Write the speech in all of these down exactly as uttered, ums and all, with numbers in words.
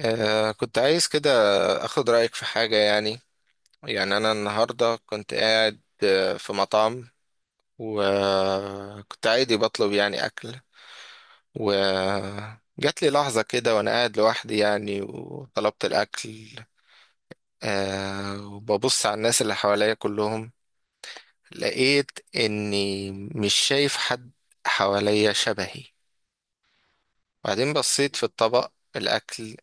آه، كنت عايز كده أخد رأيك في حاجة يعني يعني أنا النهاردة كنت قاعد آه، في مطعم، وكنت عادي بطلب يعني أكل، وجات لي لحظة كده وأنا قاعد لوحدي يعني وطلبت الأكل. آه وببص على الناس اللي حواليا كلهم، لقيت إني مش شايف حد حواليا شبهي. بعدين بصيت في الطبق الأكل،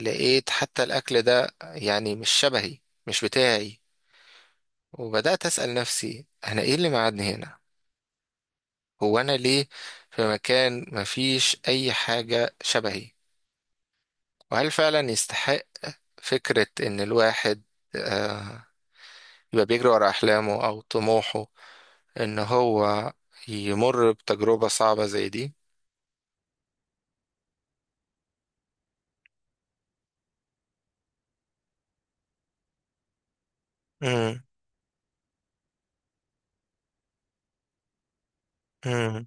لقيت حتى الأكل ده يعني مش شبهي، مش بتاعي. وبدأت أسأل نفسي أنا إيه اللي معادني هنا؟ هو أنا ليه في مكان مفيش أي حاجة شبهي؟ وهل فعلا يستحق فكرة إن الواحد آه، يبقى بيجري ورا أحلامه أو طموحه إن هو يمر بتجربة صعبة زي دي؟ مم. مم.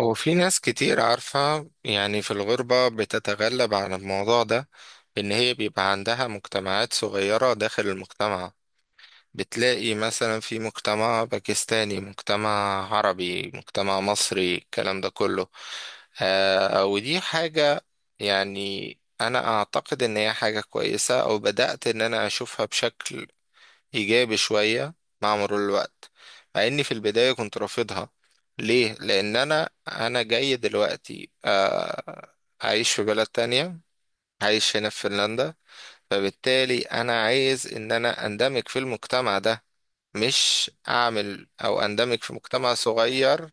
هو في ناس كتير عارفة يعني في الغربة بتتغلب على الموضوع ده، إن هي بيبقى عندها مجتمعات صغيرة داخل المجتمع. بتلاقي مثلا في مجتمع باكستاني، مجتمع عربي، مجتمع مصري، الكلام ده كله. آه ودي حاجة يعني أنا أعتقد إن هي حاجة كويسة، أو بدأت إن أنا أشوفها بشكل إيجابي شوية مع مرور الوقت، مع إني في البداية كنت رافضها. ليه؟ لأن أنا أنا جاي دلوقتي آه أعيش في بلد تانية، عايش هنا في فنلندا. فبالتالي أنا عايز إن أنا أندمج في المجتمع ده، مش اعمل او اندمج في مجتمع صغير.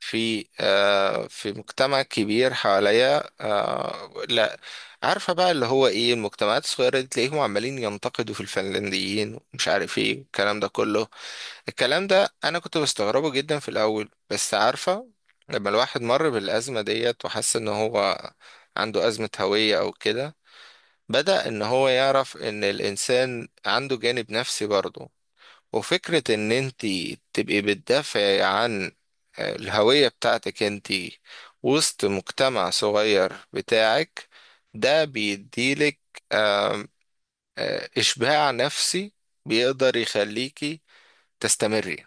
في آه في مجتمع كبير حواليا، آه لا، عارفه بقى اللي هو ايه المجتمعات الصغيره دي، تلاقيهم عمالين ينتقدوا في الفنلنديين ومش عارف ايه الكلام ده كله. الكلام ده انا كنت بستغربه جدا في الاول، بس عارفه، لما الواحد مر بالازمه ديت وحس ان هو عنده ازمه هويه او كده، بدأ ان هو يعرف ان الانسان عنده جانب نفسي برضه. وفكرة ان انت تبقي بتدافعي عن آه، الهوية بتاعتك انت وسط مجتمع صغير بتاعك، ده بيديلك آم، آه، اشباع نفسي بيقدر يخليكي تستمري.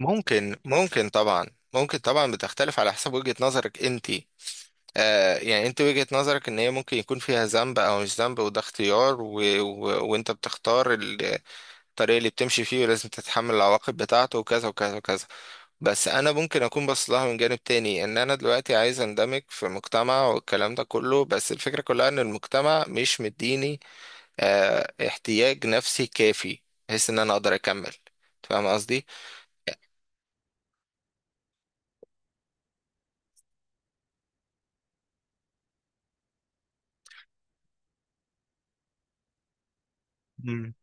ممكن ممكن طبعا ممكن طبعا بتختلف على حسب وجهة نظرك انت. آه يعني انت وجهة نظرك ان هي ممكن يكون فيها ذنب او مش ذنب، وده اختيار و... و... وانت بتختار الطريق اللي بتمشي فيه، ولازم تتحمل العواقب بتاعته وكذا وكذا وكذا. بس انا ممكن اكون باصص لها من جانب تاني، ان انا دلوقتي عايز اندمج في مجتمع والكلام ده كله، بس الفكرة كلها ان المجتمع مش مديني آه احتياج نفسي كافي بحيث ان انا اقدر اكمل. فاهم قصدي؟ مم.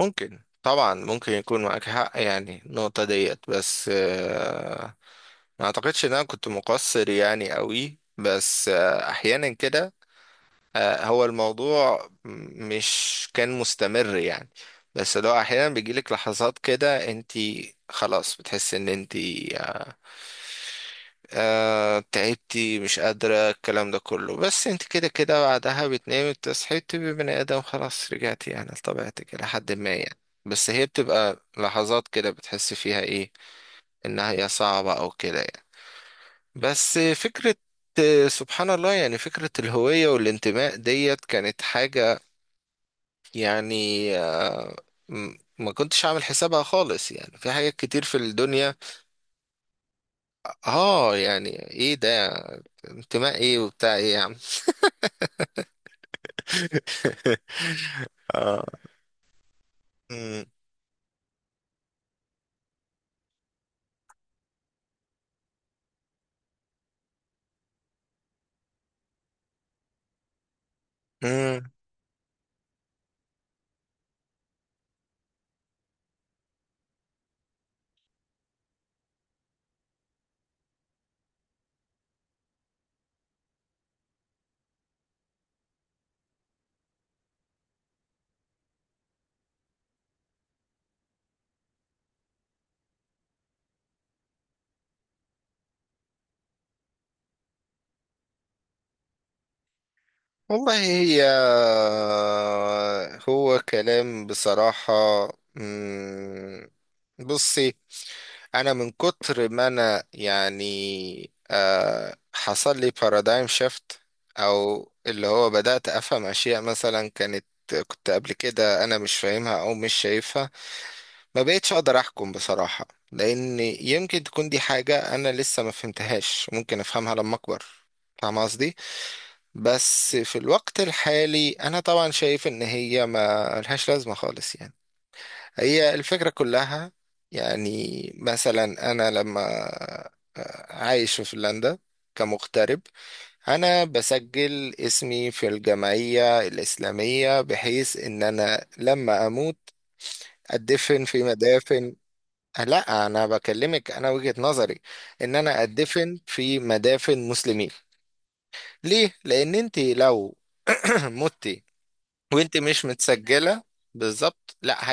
ممكن طبعا، ممكن يكون معاك حق يعني النقطة ديت، بس آه ما اعتقدش ان انا كنت مقصر يعني قوي، بس آه احيانا كده. آه، هو الموضوع م- مش كان مستمر يعني، بس لو احيانا بيجيلك لحظات كده انت خلاص بتحس ان انت آه، آه، تعبتي مش قادرة الكلام ده كله، بس انت كده كده بعدها بتنامي بتصحي بتبقي بني ادم خلاص رجعتي يعني لطبيعتك الى حد ما يعني. بس هي بتبقى لحظات كده بتحس فيها ايه انها هي صعبة او كده. بس فكرة آه، سبحان الله يعني فكرة الهوية والانتماء ديت كانت حاجة يعني آه، م- ما كنتش عامل حسابها خالص يعني في حاجات كتير في الدنيا. اه يعني ايه ده انتماء ايه وبتاع ايه يا عم؟ آه. مم. مم. والله هي آه، هو كلام بصراحة. مم. بصي، انا من كتر ما انا يعني آه حصل لي بارادايم شيفت، او اللي هو بدأت افهم اشياء مثلا كانت، كنت قبل كده انا مش فاهمها او مش شايفها. ما بقيتش اقدر احكم بصراحة، لان يمكن تكون دي حاجة انا لسه ما فهمتهاش، ممكن افهمها لما اكبر. فاهم قصدي؟ بس في الوقت الحالي انا طبعا شايف ان هي ما لهاش لازمة خالص يعني. هي الفكرة كلها يعني مثلا أنا لما آه، عايش في فنلندا كمغترب، أنا بسجل اسمي في الجمعية الإسلامية بحيث إن أنا لما أموت أدفن في مدافن. لا أنا بكلمك أنا وجهة نظري إن أنا أدفن في مدافن مسلمين. ليه؟ لأن أنت لو متي وأنت مش متسجلة بالظبط، لا،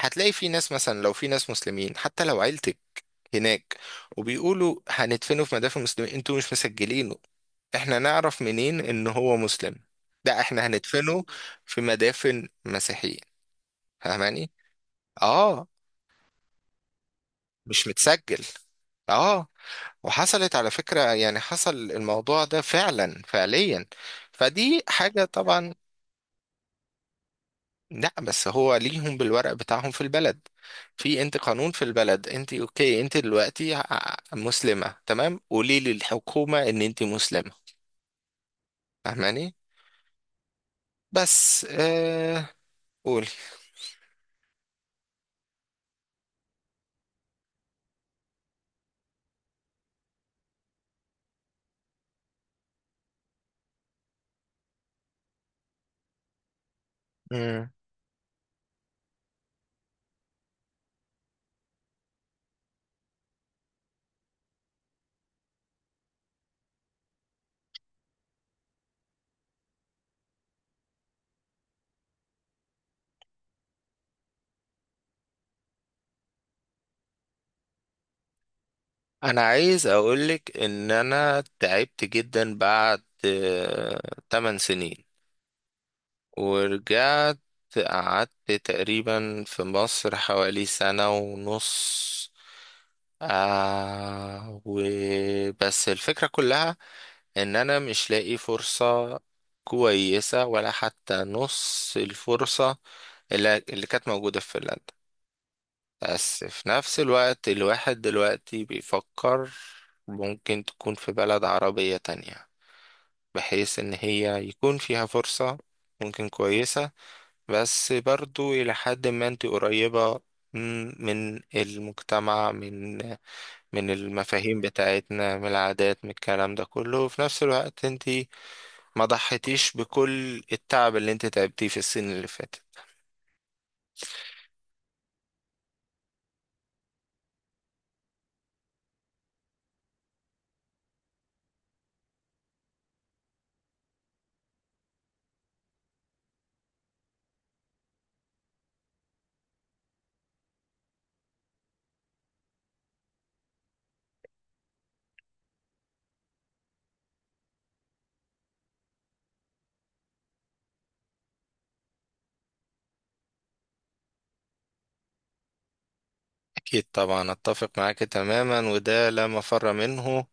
هتلاقي في ناس مثلا لو في ناس مسلمين حتى لو عيلتك هناك وبيقولوا هندفنه في مدافن مسلمين، انتوا مش مسجلينه، احنا نعرف منين ان هو مسلم؟ ده احنا هندفنه في مدافن مسيحيين. فاهماني؟ اه مش متسجل. اه وحصلت على فكرة يعني حصل الموضوع ده فعلا فعليا، فدي حاجة طبعا. لا بس هو ليهم بالورق بتاعهم في البلد، في انت قانون في البلد، انت اوكي انت دلوقتي ع- مسلمة تمام، قولي للحكومة ان انت مسلمة. فاهماني؟ بس آه قولي. مم. انا عايز اقولك ان انا تعبت جدا بعد آه 8 سنين ورجعت، قعدت تقريبا في مصر حوالي سنة ونص. آه وبس الفكرة كلها ان انا مش لاقي فرصة كويسة ولا حتى نص الفرصة اللي, اللي كانت موجودة في فنلندا. بس في نفس الوقت الواحد دلوقتي بيفكر ممكن تكون في بلد عربية تانية، بحيث ان هي يكون فيها فرصة ممكن كويسة، بس برضو إلى حد ما انت قريبة م- من المجتمع، من من المفاهيم بتاعتنا، من العادات، من الكلام ده كله، وفي نفس الوقت انت ما ضحيتيش بكل التعب اللي انت تعبتيه في السنين اللي فاتت. اكيد طبعا اتفق معاك تماما، وده لا مفر منه،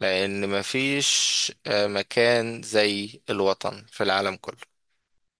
لان مفيش آه، مكان زي الوطن في العالم كله.